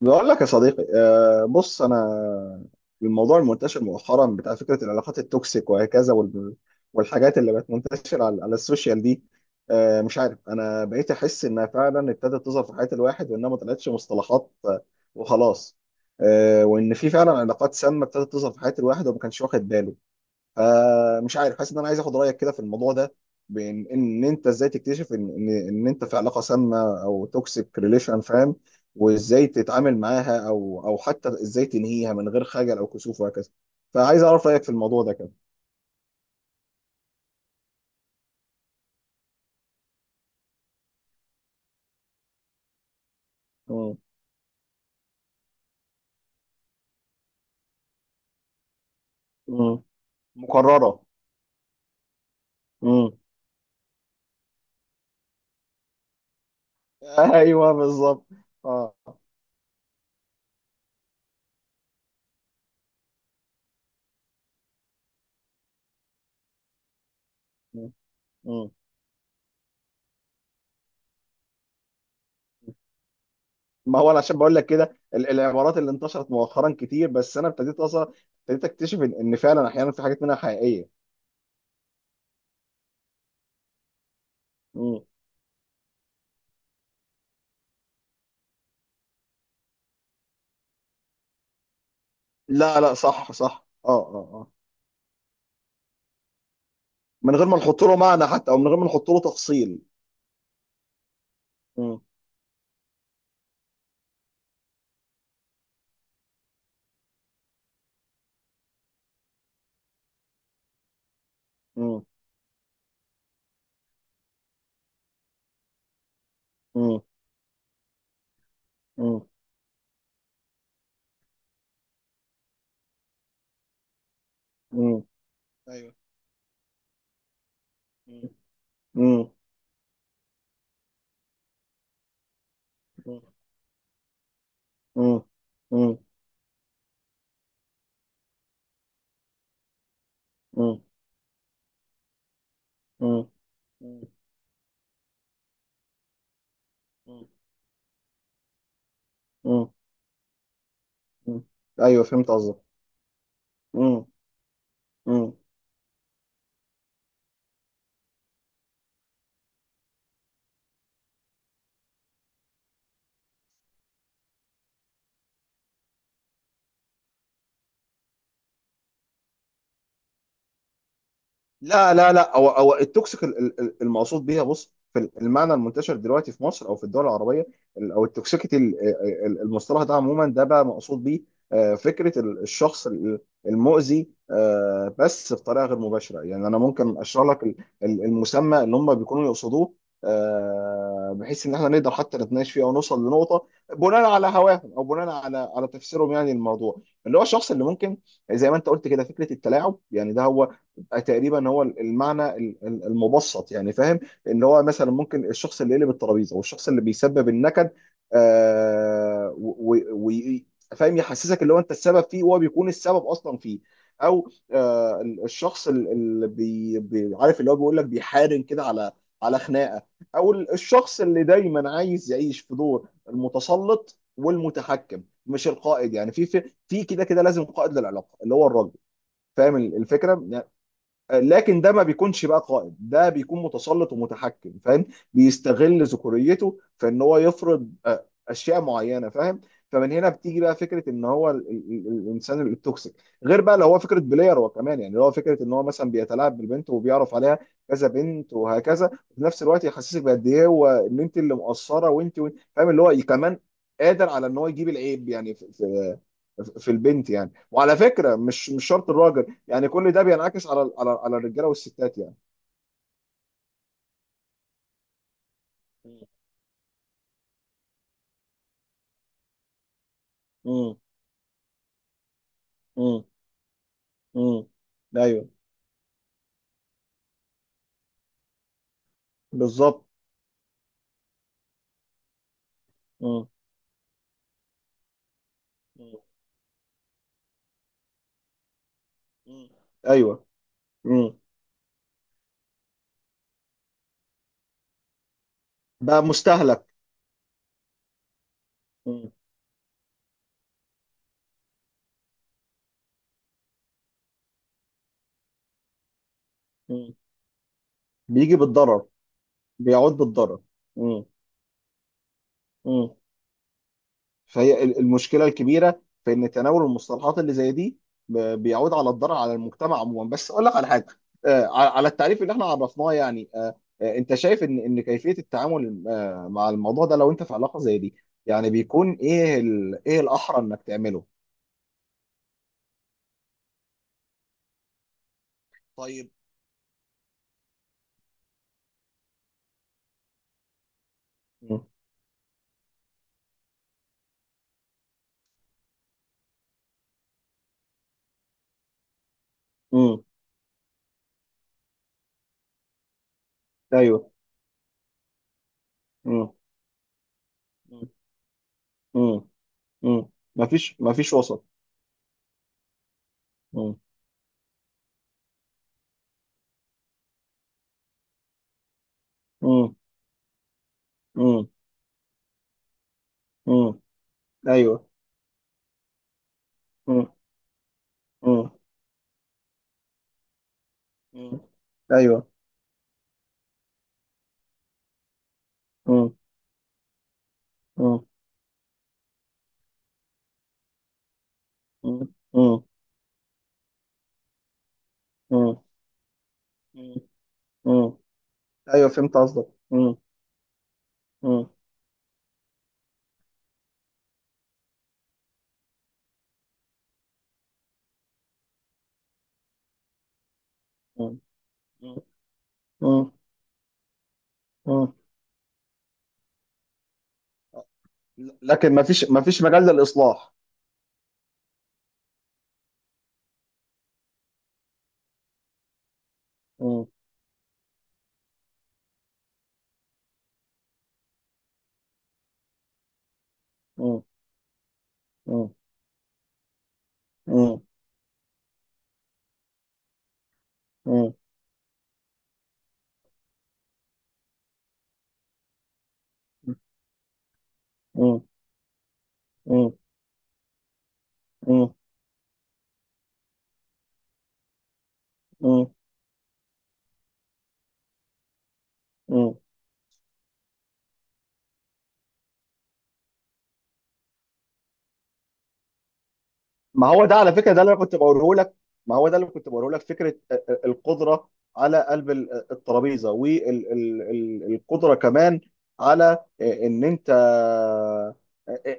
بقول لك يا صديقي، بص انا الموضوع المنتشر مؤخرا بتاع فكره العلاقات التوكسيك وهكذا والحاجات اللي بقت منتشره على السوشيال دي. مش عارف، انا بقيت احس انها فعلا ابتدت تظهر في حياه الواحد وانها ما طلعتش مصطلحات وخلاص، وان في فعلا علاقات سامه ابتدت تظهر في حياه الواحد وما كانش واخد باله. مش عارف، حاسس ان انا عايز اخد رايك كده في الموضوع ده، بان ان انت ازاي تكتشف ان انت في علاقه سامه او توكسيك ريليشن، فاهم؟ وازاي تتعامل معاها او حتى ازاي تنهيها من غير خجل او كسوف وهكذا. فعايز اعرف رايك في الموضوع ده كده. مم. مم. مكرره. مم. ايوه بالظبط. اه. مم. مم. ما هو انا عشان بقول لك كده، العبارات اللي انتشرت مؤخرا كتير، بس انا ابتديت اصلا ابتديت اكتشف إن فعلا احيانا في حاجات منها حقيقيه. لا لا، صح صح، اه اه اه. من غير ما نحط له معنى حتى او من غير ما نحط له تفصيل. مم. مم. مم. مم. مم. ايوه. مم. مم. مم. مم. مم. مم. مم. مم. مم. ايوه فهمت قصدك. مم. مم. لا لا لا، هو التوكسيك المقصود بيها، بص، في المعنى المنتشر دلوقتي في مصر او في الدول العربيه، او التوكسيكيتي المصطلح ده عموما ده بقى مقصود بيه فكره الشخص المؤذي، بس بطريقه غير مباشره. يعني انا ممكن اشرح لك المسمى اللي هم بيكونوا يقصدوه، بحيث ان احنا نقدر حتى نتناقش فيه او نوصل لنقطه بناء على هواهم او بناء على تفسيرهم. يعني الموضوع، اللي هو الشخص اللي ممكن، زي ما انت قلت كده، فكره التلاعب، يعني ده هو تقريبا هو المعنى المبسط، يعني فاهم؟ ان هو مثلا ممكن الشخص اللي يقلب الترابيزه والشخص اللي بيسبب النكد آه و- و- و- فاهم، يحسسك اللي هو انت السبب فيه وهو بيكون السبب اصلا فيه، او الشخص اللي عارف، اللي هو بيقول لك بيحارن كده على خناقه، او الشخص اللي دايما عايز يعيش في دور المتسلط والمتحكم، مش القائد. يعني في كده كده لازم قائد للعلاقه اللي هو الراجل، فاهم الفكره؟ لكن ده ما بيكونش بقى قائد، ده بيكون متسلط ومتحكم، فاهم؟ بيستغل ذكوريته في ان هو يفرض اشياء معينه، فاهم؟ فمن هنا بتيجي بقى فكره ان هو الانسان التوكسيك. غير بقى لو هو فكره بلاير هو كمان، يعني لو هو فكره ان هو مثلا بيتلاعب بالبنت وبيعرف عليها كذا بنت وهكذا، في نفس الوقت يحسسك بقد ايه هو ان انت اللي مقصره، فاهم، اللي هو كمان قادر على ان هو يجيب العيب يعني في البنت. يعني وعلى فكره، مش شرط الراجل، يعني كل ده بينعكس على الرجاله والستات يعني. امم. امم. امم. ايوه بالظبط. امم. ايوه. امم. بقى مستهلك. امم. بيجي بالضرر. بيعود بالضرر. امم. فهي المشكله الكبيره في ان تناول المصطلحات اللي زي دي بيعود على الضرر على المجتمع عموما. بس اقول لك على حاجه، على التعريف اللي احنا عرفناه يعني، انت شايف ان كيفيه التعامل مع الموضوع ده لو انت في علاقه زي دي، يعني بيكون ايه، ايه الاحرى انك تعمله؟ طيب. مم. مم. ايوه. مم. مم. مم. مم. مفيش وسط. مم. مم. مم. مم. ايوه. مم. مم. مم. ايوه. مم. مم. مم. مم. مم. مم. ايوه فهمت قصدك. مم. مم. مم. مم. مم. لكن ما فيش مجال للاصلاح. مم. مم. مم. مم. مم. مم. مم. مم. مم. ما هو ده على فكره ده اللي انا كنت بقوله لك. ما هو ده اللي كنت بقوله لك، فكره القدره على قلب الترابيزه، والقدره كمان على ان انت،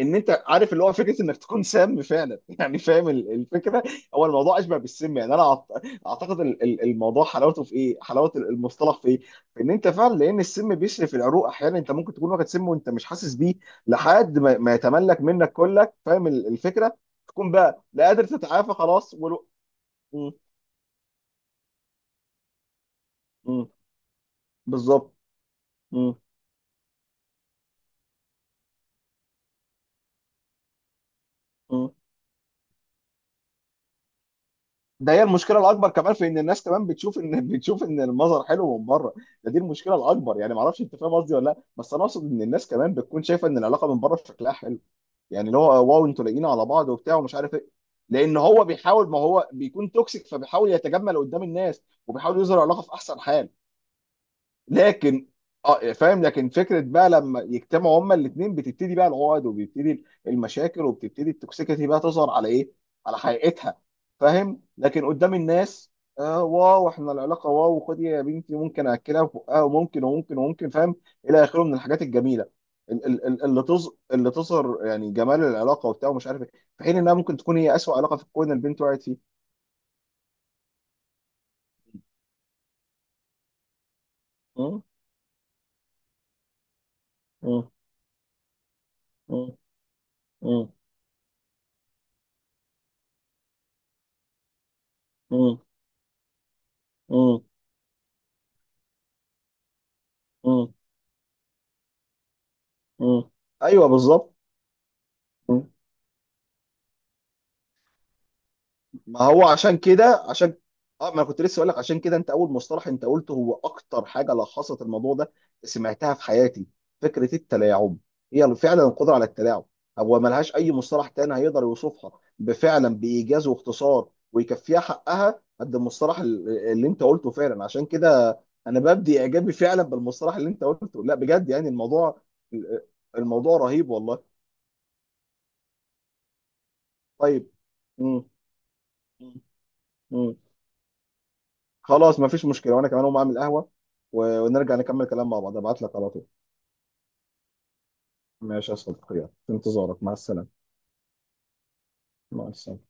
عارف اللي هو، فكره انك تكون سام فعلا يعني فاهم الفكره؟ هو الموضوع اشبه بالسم، يعني انا اعتقد الموضوع حلاوته في ايه، حلاوه المصطلح في ايه، في ان انت فعلا، لان السم بيشرف العروق احيانا، انت ممكن تكون واخد سم وانت مش حاسس بيه لحد ما يتملك منك كلك، فاهم الفكره؟ تكون بقى لا قادر تتعافى، خلاص ولو... م- م- بالظبط. م- م. ده هي المشكله الاكبر كمان، في ان الناس كمان بتشوف ان بتشوف ان المظهر حلو من بره. دي المشكله الاكبر، يعني ما اعرفش انت فاهم قصدي ولا لا، بس انا اقصد ان الناس كمان بتكون شايفه ان العلاقه من بره شكلها حلو، يعني اللي هو واو انتوا لاقيين على بعض وبتاع ومش عارف ايه، لان هو بيحاول، ما هو بيكون توكسيك فبيحاول يتجمل قدام الناس وبيحاول يظهر علاقه في احسن حال. لكن اه فاهم، لكن فكره بقى لما يجتمعوا هما الاثنين بتبتدي بقى العقد وبيبتدي المشاكل وبتبتدي التوكسيكيتي بقى تظهر على ايه؟ على حقيقتها. فاهم؟ لكن قدام الناس واو احنا العلاقه واو، خدي يا بنتي ممكن اكلها في بقها، وممكن وممكن وممكن، فاهم؟ الى اخره من الحاجات الجميله اللي تظهر يعني جمال العلاقه وبتاع ومش عارف ايه، في حين انها ممكن تكون هي اسوء علاقه في الكون البنت وقعت فيه. مم. مم. مم. مم. مم. مم. مم. ايوه بالظبط. مم. ما هو عشان كده عشان اه ما أنا كنت لسه اقول لك عشان كده، انت اول مصطلح انت قلته هو اكتر حاجه لخصت الموضوع ده سمعتها في حياتي، فكره التلاعب. هي فعلا القدره على التلاعب، هو ما لهاش اي مصطلح تاني هيقدر يوصفها بفعلا بايجاز واختصار ويكفيها حقها قد المصطلح اللي انت قلته فعلا، عشان كده انا ببدي اعجابي فعلا بالمصطلح اللي انت قلته. لا بجد، يعني الموضوع، الموضوع رهيب والله. طيب. مم. مم. خلاص مفيش مشكله، وانا كمان هقوم اعمل قهوه ونرجع نكمل كلام مع بعض. ابعت لك على طول. ماشي يا صديقي، يلا. في انتظارك، مع السلامه. مع السلامه.